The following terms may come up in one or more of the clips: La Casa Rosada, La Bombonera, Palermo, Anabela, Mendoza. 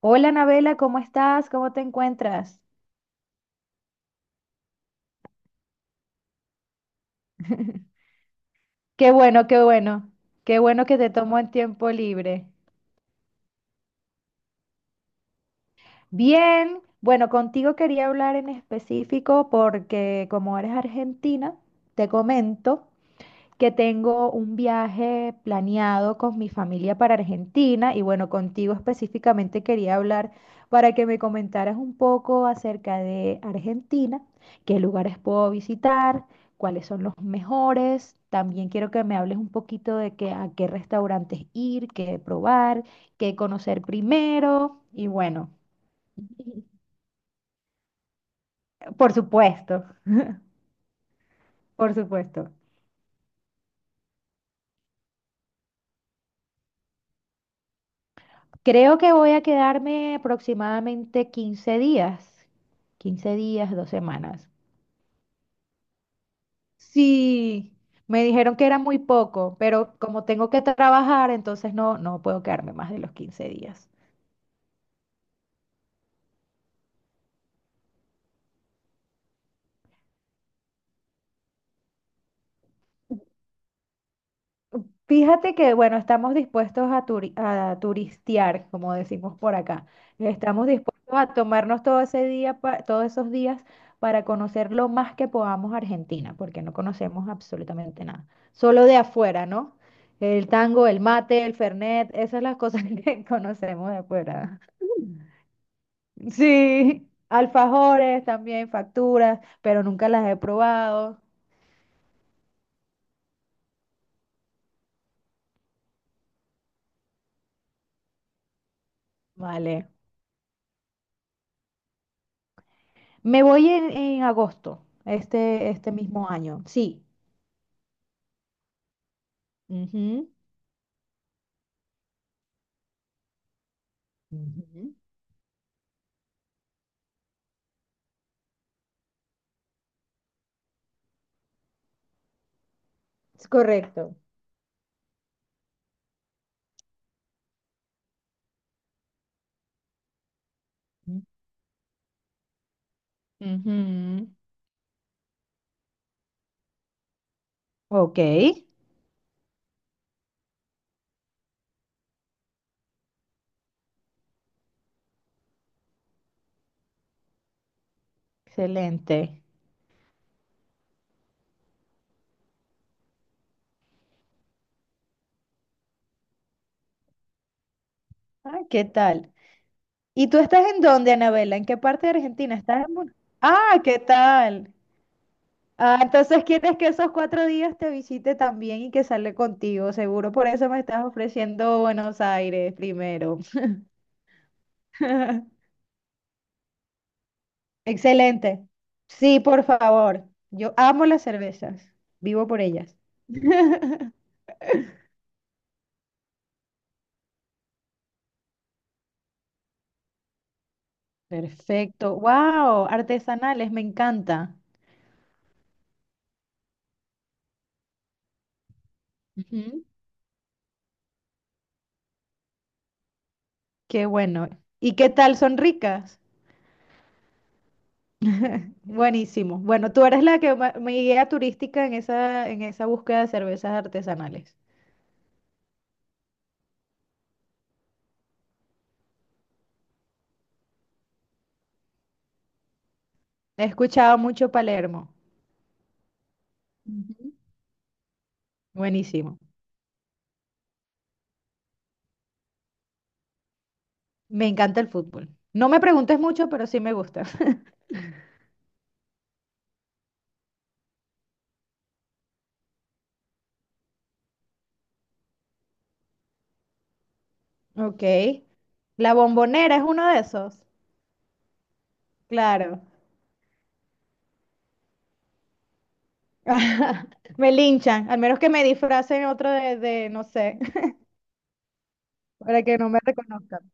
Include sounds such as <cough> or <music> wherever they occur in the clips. Hola, Anabela, ¿cómo estás? ¿Cómo te encuentras? Qué bueno, qué bueno. Qué bueno que te tomo en tiempo libre. Bien, bueno, contigo quería hablar en específico porque como eres argentina, te comento, que tengo un viaje planeado con mi familia para Argentina y bueno, contigo específicamente quería hablar para que me comentaras un poco acerca de Argentina, qué lugares puedo visitar, cuáles son los mejores. También quiero que me hables un poquito a qué restaurantes ir, qué probar, qué conocer primero y bueno, por supuesto, por supuesto. Creo que voy a quedarme aproximadamente 15 días, 15 días, dos semanas. Sí, me dijeron que era muy poco, pero como tengo que trabajar, entonces no puedo quedarme más de los 15 días. Fíjate que, bueno, estamos dispuestos a, a turistear, como decimos por acá. Estamos dispuestos a tomarnos todos esos días para conocer lo más que podamos Argentina, porque no conocemos absolutamente nada. Solo de afuera, ¿no? El tango, el mate, el fernet, esas son las cosas <laughs> que conocemos de afuera. Sí, alfajores también, facturas, pero nunca las he probado. Vale. Me voy en, agosto, este mismo año. Sí. Ujú. Ujú. Es correcto. Ujú. Ok, excelente. Ah, ¿qué tal? ¿Y tú estás en dónde, Anabela? ¿En qué parte de Argentina? ¿Estás en Buenos-? Ah, ¿qué tal? Ah, entonces quieres que esos cuatro días te visite también y que sale contigo. Seguro por eso me estás ofreciendo Buenos Aires primero. <laughs> Excelente. Sí, por favor. Yo amo las cervezas. Vivo por ellas. <laughs> Perfecto. Wow, artesanales, me encanta. Ujú. Qué bueno. ¿Y qué tal? ¿Son ricas? Buenísimo. Bueno, tú eres la que mi guía turística en esa búsqueda de cervezas artesanales. He escuchado mucho Palermo. Ujú. Buenísimo. Me encanta el fútbol. No me preguntes mucho, pero sí me gusta. <laughs> Ok. La Bombonera es uno de esos. Claro. <laughs> Me linchan, al menos que me disfracen otro no sé, <laughs> para que no me reconozcan.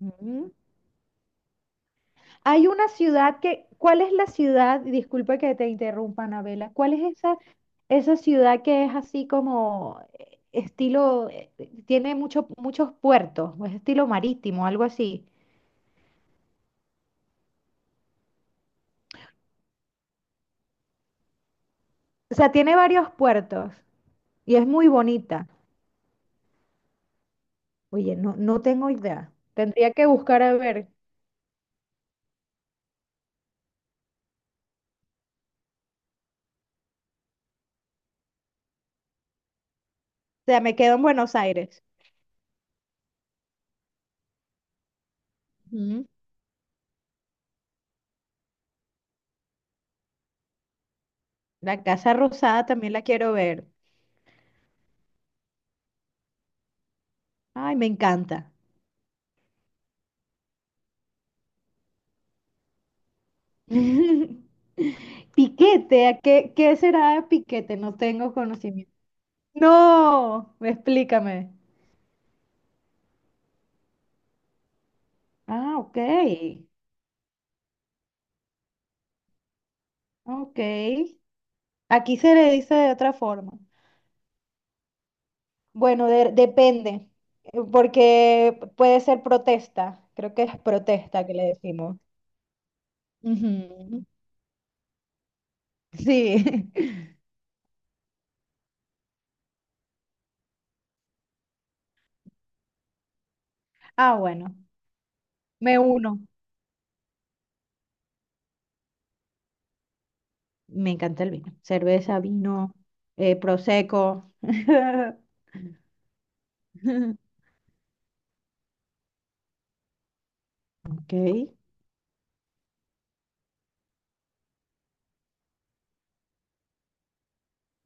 Ujú. Hay una ciudad que, ¿cuál es la ciudad? Disculpa que te interrumpa, Anabela. ¿Cuál es esa, esa ciudad que es así como estilo, tiene muchos puertos, o es estilo marítimo, algo así? O sea, tiene varios puertos y es muy bonita. Oye, no, no tengo idea. Tendría que buscar a ver. O sea, me quedo en Buenos Aires. Ujú. La Casa Rosada también la quiero ver. Ay, me encanta. <laughs> Piquete, ¿qué será piquete? No tengo conocimiento. No, explícame. Ah, ok, ok. Aquí se le dice de otra forma. Bueno, depende, porque puede ser protesta. Creo que es protesta que le decimos. Ujú. Sí. <laughs> Ah, bueno, me uno. Me encanta el vino. Cerveza, vino, prosecco. <laughs> Ok.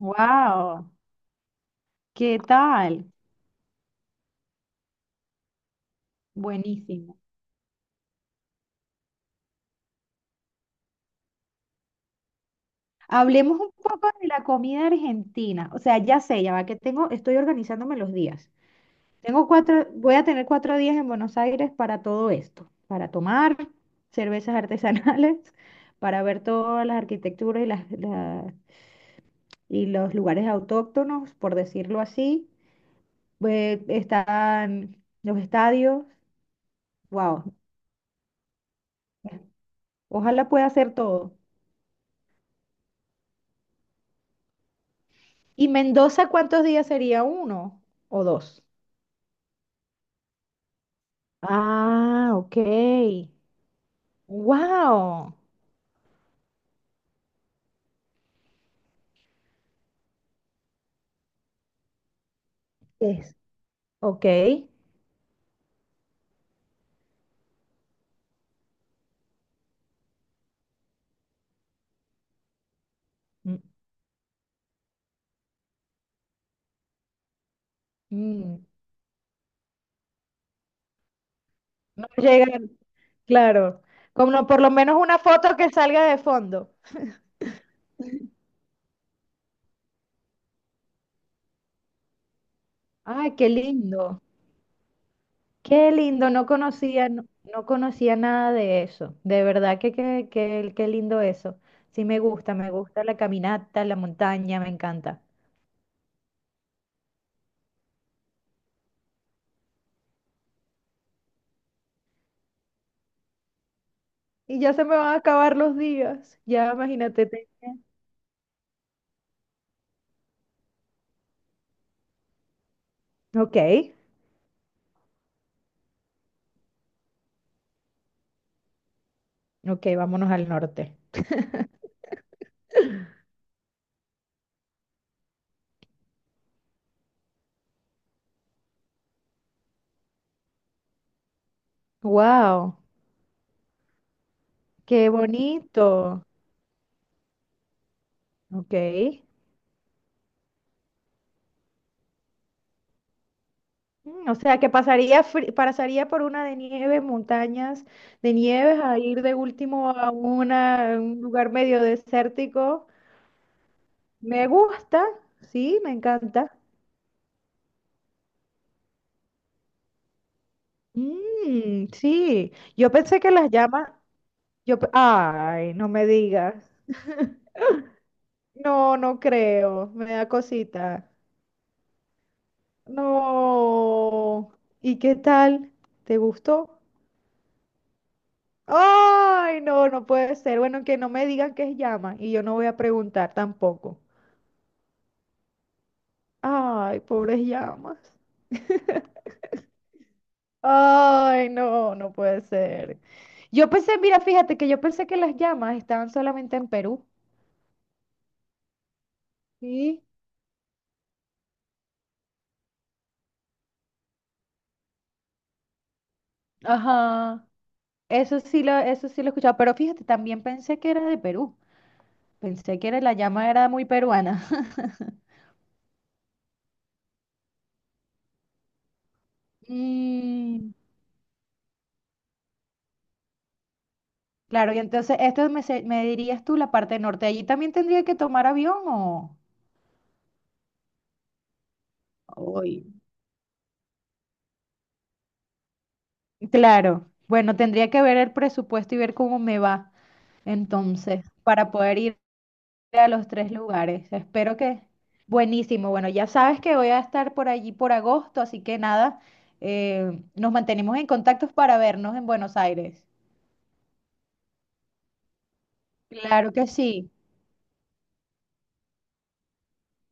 Wow. ¿Qué tal? Buenísimo. Hablemos un poco de la comida argentina. O sea, ya sé, ya va que tengo, estoy organizándome los días. Tengo cuatro, voy a tener 4 días en Buenos Aires para todo esto, para tomar cervezas artesanales, <laughs> para ver todas las arquitecturas y y los lugares autóctonos, por decirlo así. Están los estadios. Wow, ojalá pueda hacer todo. ¿Y Mendoza cuántos días sería? ¿Uno o dos? Ah, ok. Wow. Es. Ok. Mm. Mm. No llegan, claro. Como por lo menos una foto que salga de fondo. Ay, qué lindo. Qué lindo, no conocía, no, no conocía nada de eso. De verdad que, qué lindo eso. Sí me gusta la caminata, la montaña, me encanta. Y ya se me van a acabar los días. Ya imagínate. Te-. Ok, ok, vámonos al norte. <laughs> Wow, qué bonito. Ok. Mm, o sea, que pasaría, pasaría por una de nieve, montañas de nieves, a ir de último a una, un lugar medio desértico. Me gusta, sí, me encanta. Mm, sí, yo pensé que las llamas, yo, ay, no me digas. No, no creo, me da cosita. No, ¿y qué tal? ¿Te gustó? Ay, no, no puede ser. Bueno, que no me digan que es llama y yo no voy a preguntar tampoco. Ay, pobres llamas. Ay, no, no puede ser. Yo pensé, mira, fíjate que yo pensé que las llamas estaban solamente en Perú. Sí. Ajá. Eso sí lo he escuchado, pero fíjate, también pensé que era de Perú. Pensé que era, la llama era muy peruana. <laughs> Mm, claro, y entonces esto me, me dirías tú la parte norte. Allí también tendría que tomar avión o... Ay. Claro. Bueno, tendría que ver el presupuesto y ver cómo me va entonces para poder ir a los tres lugares. Espero que... Buenísimo. Bueno, ya sabes que voy a estar por allí por agosto, así que nada, nos mantenemos en contacto para vernos en Buenos Aires. Claro que sí,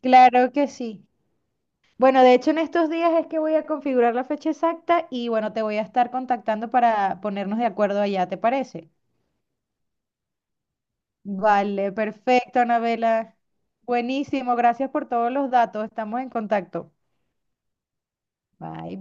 claro que sí. Bueno, de hecho en estos días es que voy a configurar la fecha exacta y bueno, te voy a estar contactando para ponernos de acuerdo allá, ¿te parece? Vale, perfecto, Anabela. Buenísimo, gracias por todos los datos. Estamos en contacto. Bye, bye.